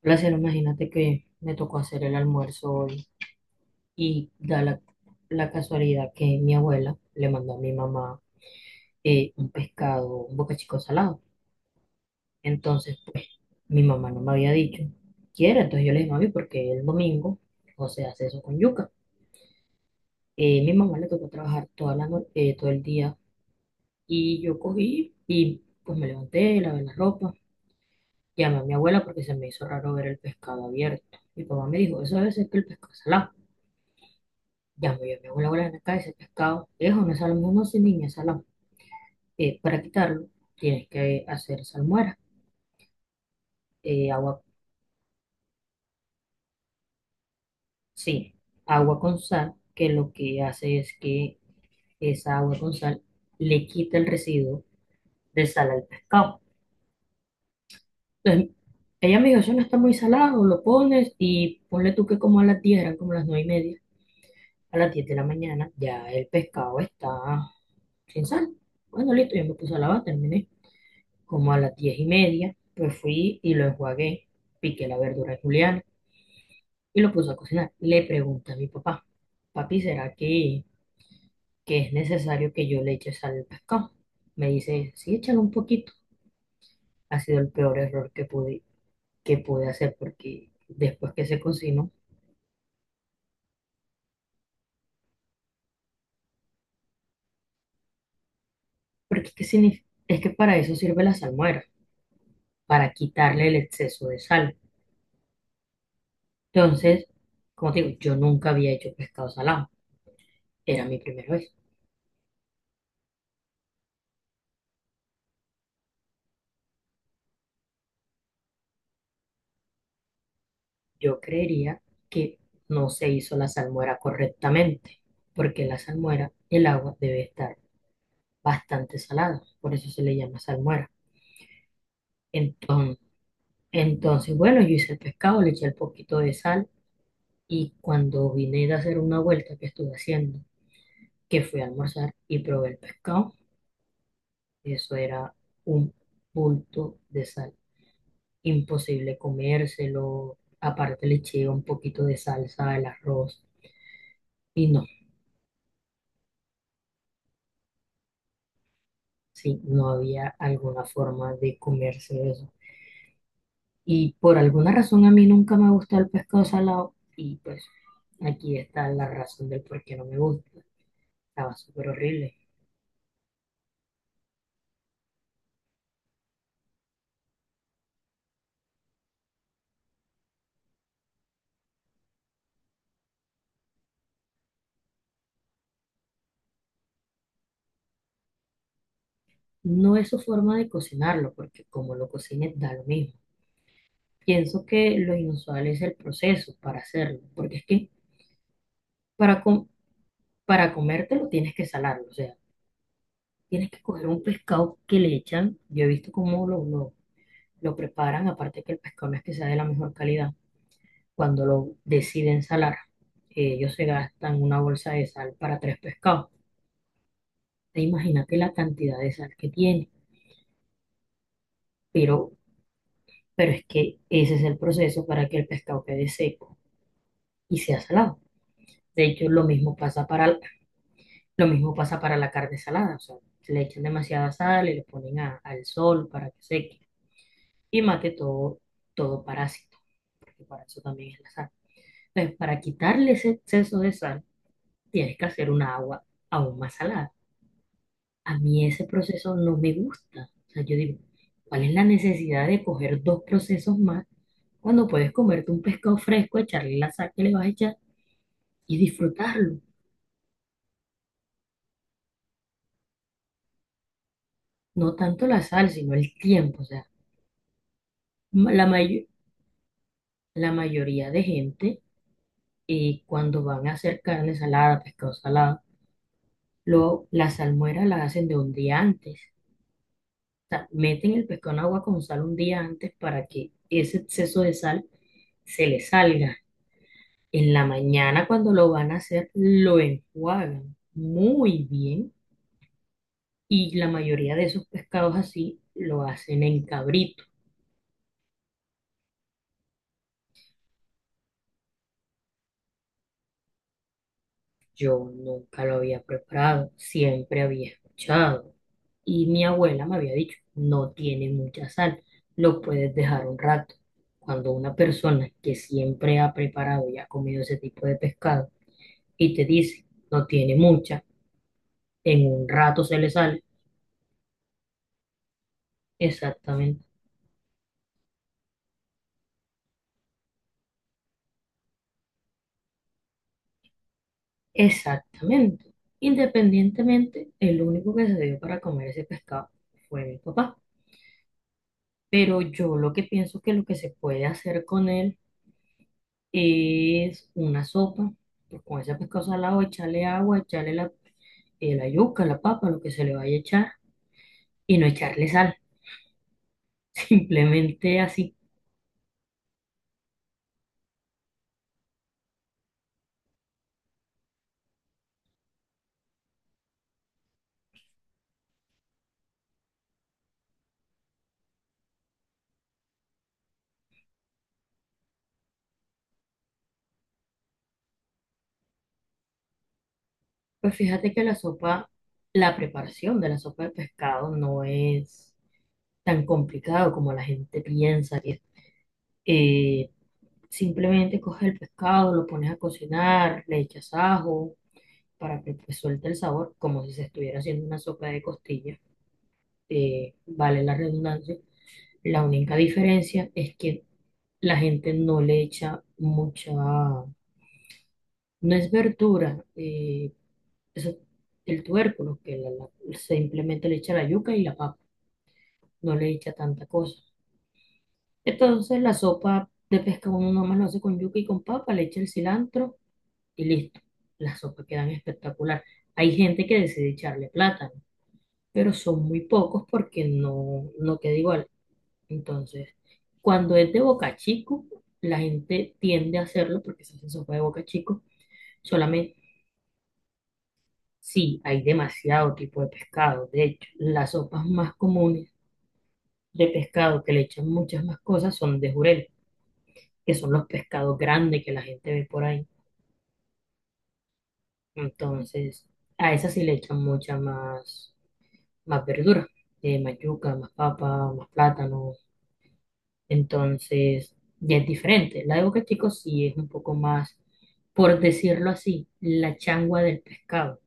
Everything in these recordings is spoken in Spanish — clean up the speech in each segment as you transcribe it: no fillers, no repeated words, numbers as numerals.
Placer, imagínate que me tocó hacer el almuerzo hoy y da la casualidad que mi abuela le mandó a mi mamá un pescado, un bocachico salado. Entonces, pues, mi mamá no me había dicho, quiere. Entonces yo le dije, mami, porque el domingo José hace eso con yuca. Mi mamá le tocó trabajar toda la no- todo el día, y yo cogí y pues me levanté, lavé la ropa, llamé a mi abuela porque se me hizo raro ver el pescado abierto. Mi papá me dijo, eso debe ser que el pescado es salado. Llamo yo a mi abuela, abuela, ven acá, ese pescado es una salmuera. No, sin niña, salón. Para quitarlo tienes que hacer salmuera, agua, sí, agua con sal, que lo que hace es que esa agua con sal le quita el residuo de sal al pescado. Entonces, ella me dijo, eso no está muy salado, lo pones y ponle tú que como a las 10, eran como las 9:30, a las 10 de la mañana ya el pescado está sin sal. Bueno, listo, yo me puse a lavar, terminé. Como a las 10:30, pues fui y lo enjuagué, piqué la verdura de juliana y lo puse a cocinar. Le pregunté a mi papá, papi, ¿será que, es necesario que yo le eche sal al pescado? Me dice, sí, échale un poquito. Ha sido el peor error que pude hacer, porque después que se cocinó, porque ¿qué significa? Es que para eso sirve la salmuera, para quitarle el exceso de sal. Entonces, como te digo, yo nunca había hecho pescado salado, era mi primera vez. Yo creería que no se hizo la salmuera correctamente, porque la salmuera, el agua debe estar bastante salada, por eso se le llama salmuera. Entonces, entonces, bueno, yo hice el pescado, le eché un poquito de sal, y cuando vine de hacer una vuelta que estuve haciendo, que fui a almorzar y probé el pescado, eso era un bulto de sal, imposible comérselo. Aparte, le eché un poquito de salsa al arroz y no. Sí, no había alguna forma de comerse eso. Y por alguna razón a mí nunca me gusta el pescado salado, y pues aquí está la razón del por qué no me gusta. Estaba súper horrible. No es su forma de cocinarlo, porque como lo cocines da lo mismo. Pienso que lo inusual es el proceso para hacerlo, porque es que para, com- para comértelo tienes que salarlo. O sea, tienes que coger un pescado que le echan. Yo he visto cómo lo preparan, aparte que el pescado no es que sea de la mejor calidad cuando lo deciden salar, ellos se gastan una bolsa de sal para tres pescados. Imagínate la cantidad de sal que tiene, pero, pero es que ese es el proceso para que el pescado quede seco y sea salado. De hecho, lo mismo pasa para la carne salada. O sea, se le echan demasiada sal y le ponen al sol para que seque y mate todo parásito, porque para eso también es la sal. Entonces, para quitarle ese exceso de sal, tienes que hacer una agua aún más salada. A mí ese proceso no me gusta. O sea, yo digo, ¿cuál es la necesidad de coger dos procesos más cuando puedes comerte un pescado fresco, echarle la sal que le vas a echar y disfrutarlo? No tanto la sal, sino el tiempo. O sea, ma- la mayo- la mayoría de gente, cuando van a hacer carne salada, pescado salado, lo, la salmuera la hacen de un día antes. O sea, meten el pescado en agua con sal un día antes para que ese exceso de sal se le salga. En la mañana cuando lo van a hacer, lo enjuagan muy bien, y la mayoría de esos pescados así lo hacen en cabrito. Yo nunca lo había preparado, siempre había escuchado y mi abuela me había dicho, no tiene mucha sal, lo puedes dejar un rato. Cuando una persona que siempre ha preparado y ha comido ese tipo de pescado y te dice, no tiene mucha, en un rato se le sale, exactamente. Exactamente. Independientemente, el único que se dio para comer ese pescado fue mi papá. Pero yo lo que pienso que lo que se puede hacer con él es una sopa. Pues con ese pescado salado, echarle agua, echarle la yuca, la papa, lo que se le vaya a echar, y no echarle sal. Simplemente así. Pues fíjate que la sopa, la preparación de la sopa de pescado no es tan complicado como la gente piensa que es. Eh, Simplemente coges el pescado, lo pones a cocinar, le echas ajo para que pues suelte el sabor, como si se estuviera haciendo una sopa de costillas. Vale la redundancia. La única diferencia es que la gente no le echa mucha, no es verdura, eso- el tubérculo, simplemente le echa la yuca y la papa, no le echa tanta cosa. Entonces la sopa de pescado uno nomás lo hace con yuca y con papa, le echa el cilantro y listo. Las sopas quedan espectacular. Hay gente que decide echarle plátano, pero son muy pocos porque no, no queda igual. Entonces, cuando es de boca chico, la gente tiende a hacerlo porque se hace sopa de boca chico. Solamente, sí, hay demasiado tipo de pescado. De hecho, las sopas más comunes de pescado, que le echan muchas más cosas, son de jurel, que son los pescados grandes que la gente ve por ahí. Entonces, a esas sí le echan mucha más verdura, más yuca, más papa, más plátano. Entonces, ya es diferente. La de Boquetico sí es un poco más, por decirlo así, la changua del pescado.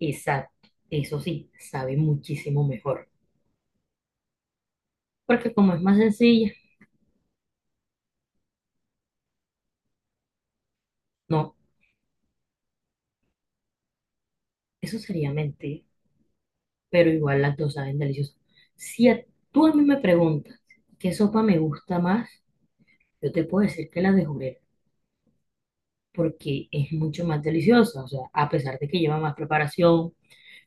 Exacto, eso sí, sabe muchísimo mejor. Porque como es más sencilla, no, eso sería mentir, pero igual las dos saben deliciosas. Si a- Tú a mí me preguntas qué sopa me gusta más, yo te puedo decir que la de jurel, porque es mucho más deliciosa. O sea, a pesar de que lleva más preparación,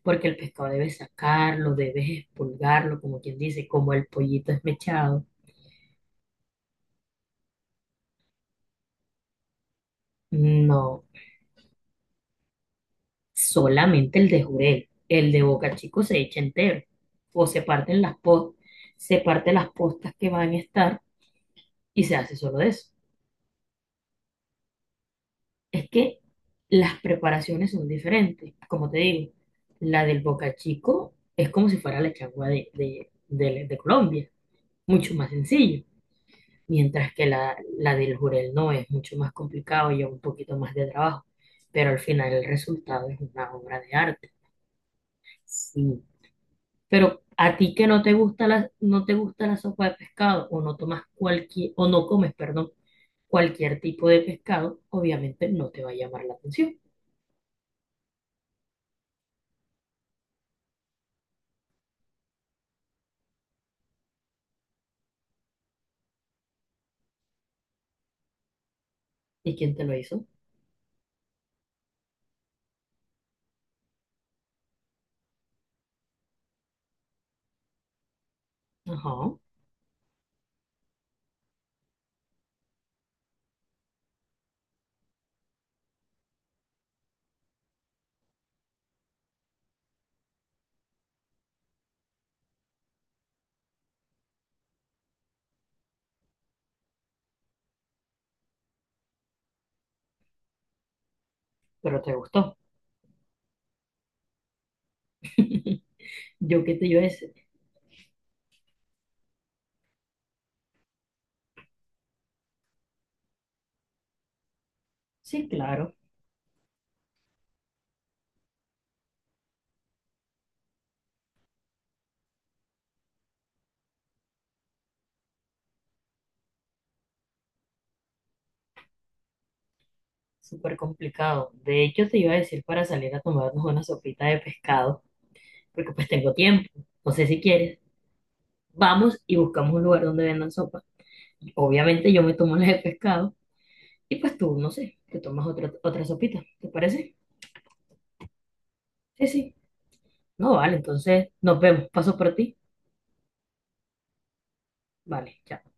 porque el pescado debes sacarlo, debes expulgarlo, como quien dice, como el pollito esmechado. No, solamente el de jurel, el de boca chico se echa entero o se parten las postas, se parte las postas que van a estar y se hace solo de eso. Es que las preparaciones son diferentes, como te digo, la del boca chico es como si fuera la changua de Colombia, mucho más sencillo. Mientras que la del jurel no es mucho más complicado y lleva un poquito más de trabajo, pero al final el resultado es una obra de arte. Sí. Pero a ti que no te gusta no te gusta la sopa de pescado, o no tomas o no comes, perdón, cualquier tipo de pescado, obviamente no te va a llamar la atención. ¿Y quién te lo hizo? Ajá, pero te gustó. Yo qué te iba a decir. Sí, claro, súper complicado. De hecho, te iba a decir para salir a tomarnos una sopita de pescado, porque pues tengo tiempo. No sé si quieres. Vamos y buscamos un lugar donde vendan sopa. Obviamente yo me tomo las de pescado y pues tú, no sé, te tomas otra, otra sopita. ¿Te parece? Sí, sí. No, vale, entonces nos vemos. Paso por ti. Vale, chao.